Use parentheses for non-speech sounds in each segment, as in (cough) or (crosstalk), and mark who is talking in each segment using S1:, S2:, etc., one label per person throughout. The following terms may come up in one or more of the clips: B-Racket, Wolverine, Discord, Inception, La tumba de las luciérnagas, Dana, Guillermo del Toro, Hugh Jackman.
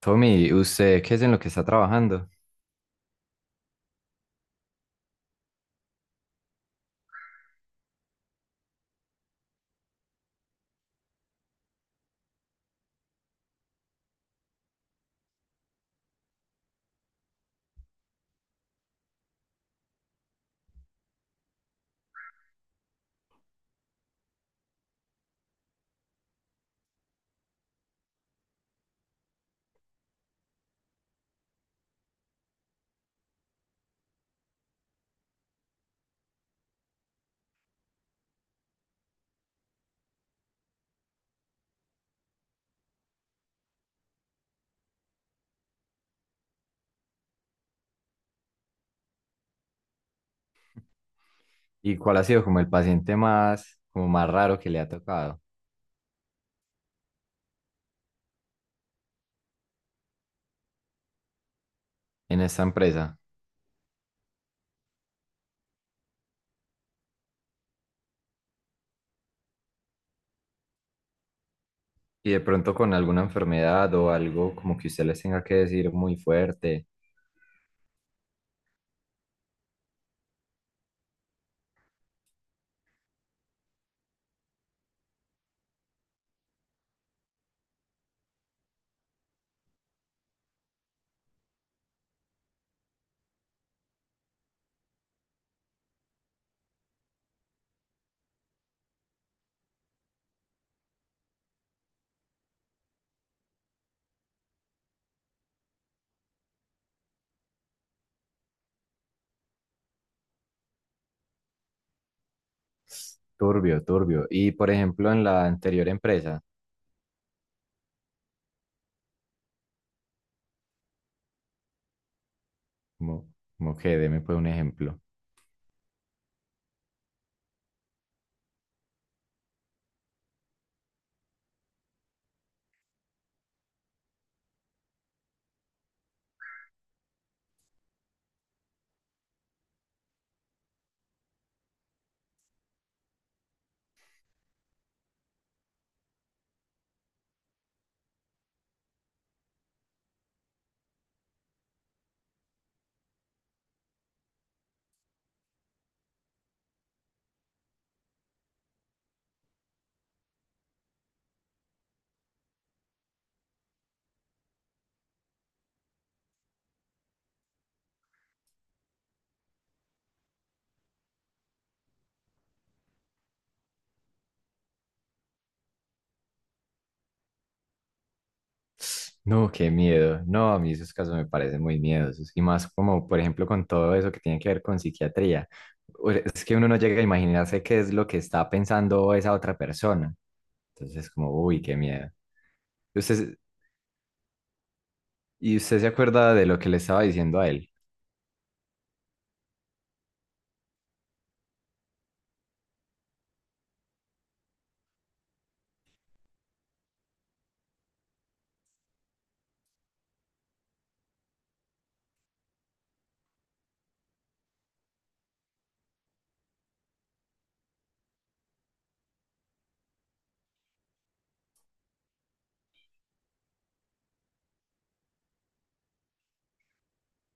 S1: Tommy, ¿usted qué es en lo que está trabajando? ¿Y cuál ha sido como el paciente más, como más raro que le ha tocado en esta empresa? Y de pronto con alguna enfermedad o algo como que usted les tenga que decir muy fuerte, turbio, turbio. Y por ejemplo en la anterior empresa, como, como que deme pues un ejemplo. No, qué miedo. No, a mí esos casos me parecen muy miedosos. Y más como por ejemplo con todo eso que tiene que ver con psiquiatría. Es que uno no llega a imaginarse qué es lo que está pensando esa otra persona. Entonces, como, uy, qué miedo. Y usted, y usted se acuerda de lo que le estaba diciendo a él.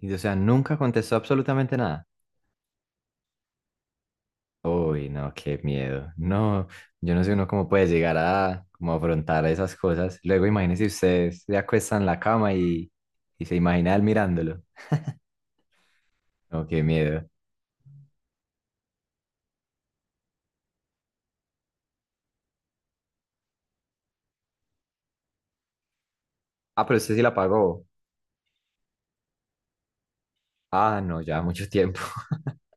S1: Y, o sea, nunca contestó absolutamente nada. Uy, no, qué miedo. No, yo no sé uno cómo puede llegar a como afrontar esas cosas. Luego, imagínese usted se acuesta en la cama y se imagina él mirándolo. No, qué miedo. Ah, pero usted sí la pagó. Ah, no, ya mucho tiempo. (laughs)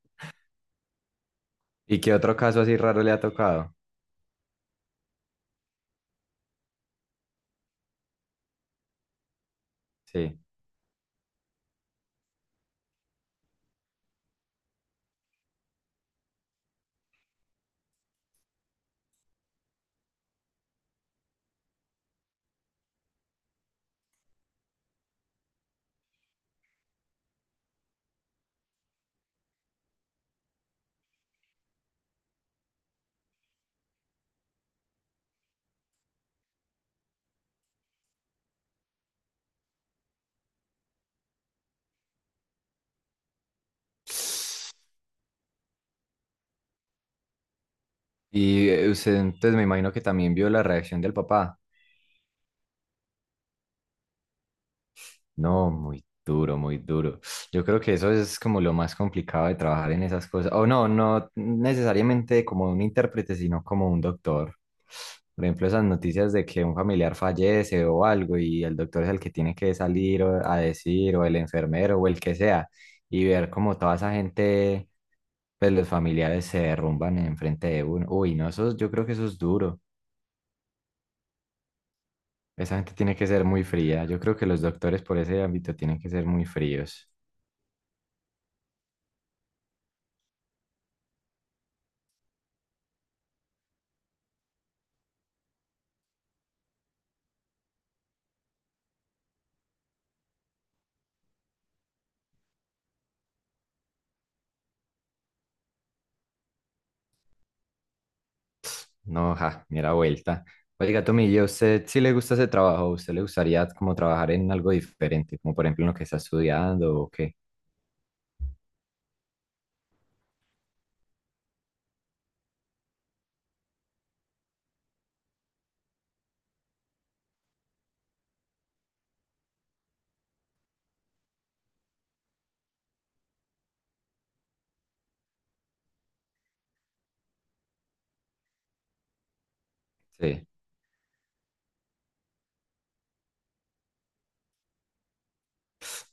S1: ¿Y qué otro caso así raro le ha tocado? Sí. Y usted, entonces me imagino que también vio la reacción del papá. No, muy duro, muy duro. Yo creo que eso es como lo más complicado de trabajar en esas cosas. O no, no necesariamente como un intérprete, sino como un doctor. Por ejemplo, esas noticias de que un familiar fallece o algo y el doctor es el que tiene que salir a decir, o el enfermero o el que sea, y ver como toda esa gente, pues los familiares se derrumban enfrente de uno. Uy, no, eso, yo creo que eso es duro. Esa gente tiene que ser muy fría. Yo creo que los doctores por ese ámbito tienen que ser muy fríos. No, ja, mira vuelta. Oiga, Tomillo, ¿usted sí le gusta ese trabajo? ¿Usted le gustaría como trabajar en algo diferente, como por ejemplo en lo que está estudiando o qué? Sí.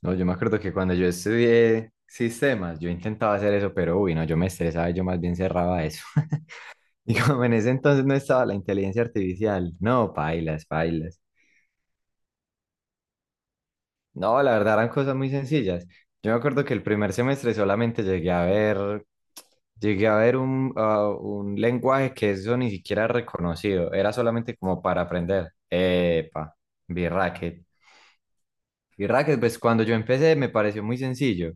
S1: No, yo me acuerdo que cuando yo estudié sistemas, yo intentaba hacer eso, pero uy, no, yo me estresaba, yo más bien cerraba eso. (laughs) Y como en ese entonces no estaba la inteligencia artificial, no, pailas, pailas. No, la verdad eran cosas muy sencillas. Yo me acuerdo que el primer semestre solamente llegué a ver un lenguaje que eso ni siquiera era reconocido, era solamente como para aprender. Epa, B-Racket. B-Racket, pues cuando yo empecé me pareció muy sencillo,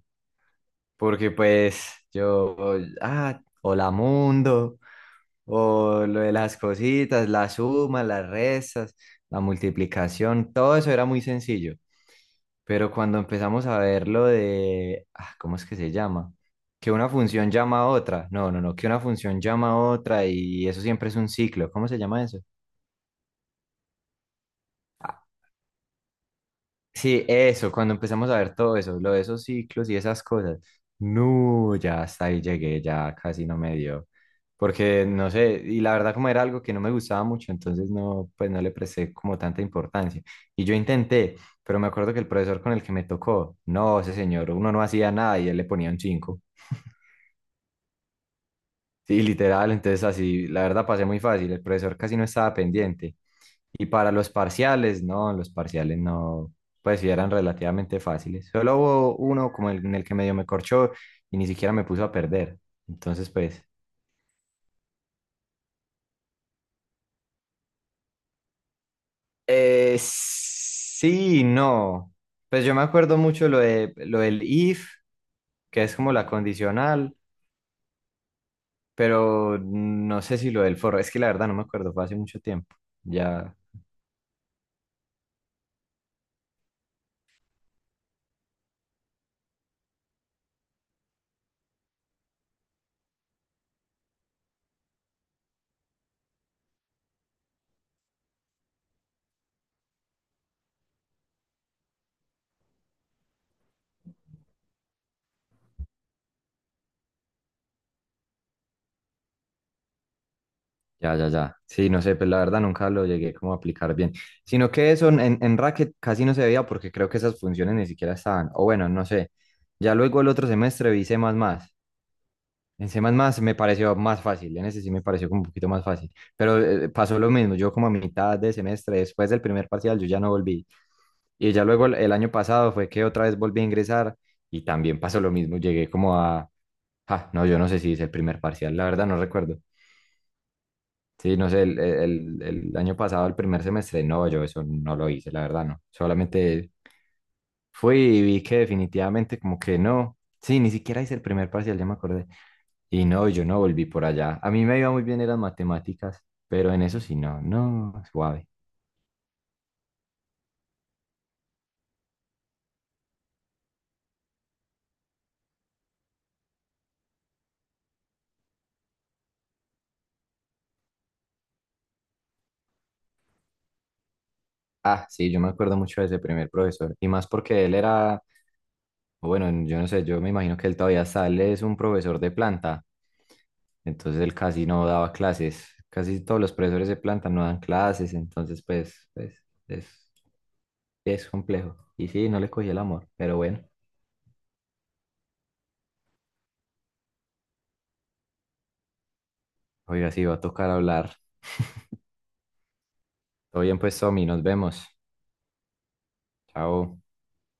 S1: porque pues yo, hola mundo, o lo de las cositas, las sumas, las restas, la multiplicación, todo eso era muy sencillo. Pero cuando empezamos a ver lo de, ¿cómo es que se llama? Que una función llama a otra. No, no, no, que una función llama a otra y eso siempre es un ciclo. ¿Cómo se llama eso? Ah, sí, eso, cuando empezamos a ver todo eso, lo de esos ciclos y esas cosas. No, ya hasta ahí llegué, ya casi no me dio. Porque no sé, y la verdad como era algo que no me gustaba mucho, entonces no, pues no le presté como tanta importancia. Y yo intenté, pero me acuerdo que el profesor con el que me tocó, no, ese señor, uno no hacía nada y él le ponía un 5. Sí, literal, entonces así, la verdad pasé muy fácil, el profesor casi no estaba pendiente. Y para los parciales no, pues sí eran relativamente fáciles. Solo hubo uno como el, en el que medio me corchó y ni siquiera me puso a perder. Entonces, pues, sí, no. Pues yo me acuerdo mucho lo del if, que es como la condicional, pero no sé si lo del for, es que la verdad no me acuerdo, fue hace mucho tiempo. Ya. Ya, ya, ya. Sí, no sé, pues la verdad nunca lo llegué como a aplicar bien. Sino que eso en Racket casi no se veía porque creo que esas funciones ni siquiera estaban. O bueno, no sé. Ya luego el otro semestre vi C++. En C++ me pareció más fácil. En ese sí me pareció como un poquito más fácil. Pero pasó lo mismo. Yo como a mitad de semestre, después del primer parcial, yo ya no volví. Y ya luego el año pasado fue que otra vez volví a ingresar y también pasó lo mismo. Llegué como a... Ah, no, yo no sé si hice el primer parcial. La verdad no recuerdo. Sí, no sé, el año pasado, el primer semestre, no, yo eso no lo hice, la verdad, no. Solamente fui y vi que definitivamente como que no. Sí, ni siquiera hice el primer parcial, ya me acordé. Y no, yo no volví por allá. A mí me iba muy bien en las matemáticas, pero en eso sí, no, no, suave. Ah, sí, yo me acuerdo mucho de ese primer profesor. Y más porque él era, o bueno, yo no sé, yo me imagino que él todavía sale, es un profesor de planta, entonces él casi no daba clases, casi todos los profesores de planta no dan clases, entonces pues es complejo. Y sí, no le cogí el amor, pero bueno, oiga, sí, va a tocar hablar. Todo bien pues, Tommy, nos vemos. Chao.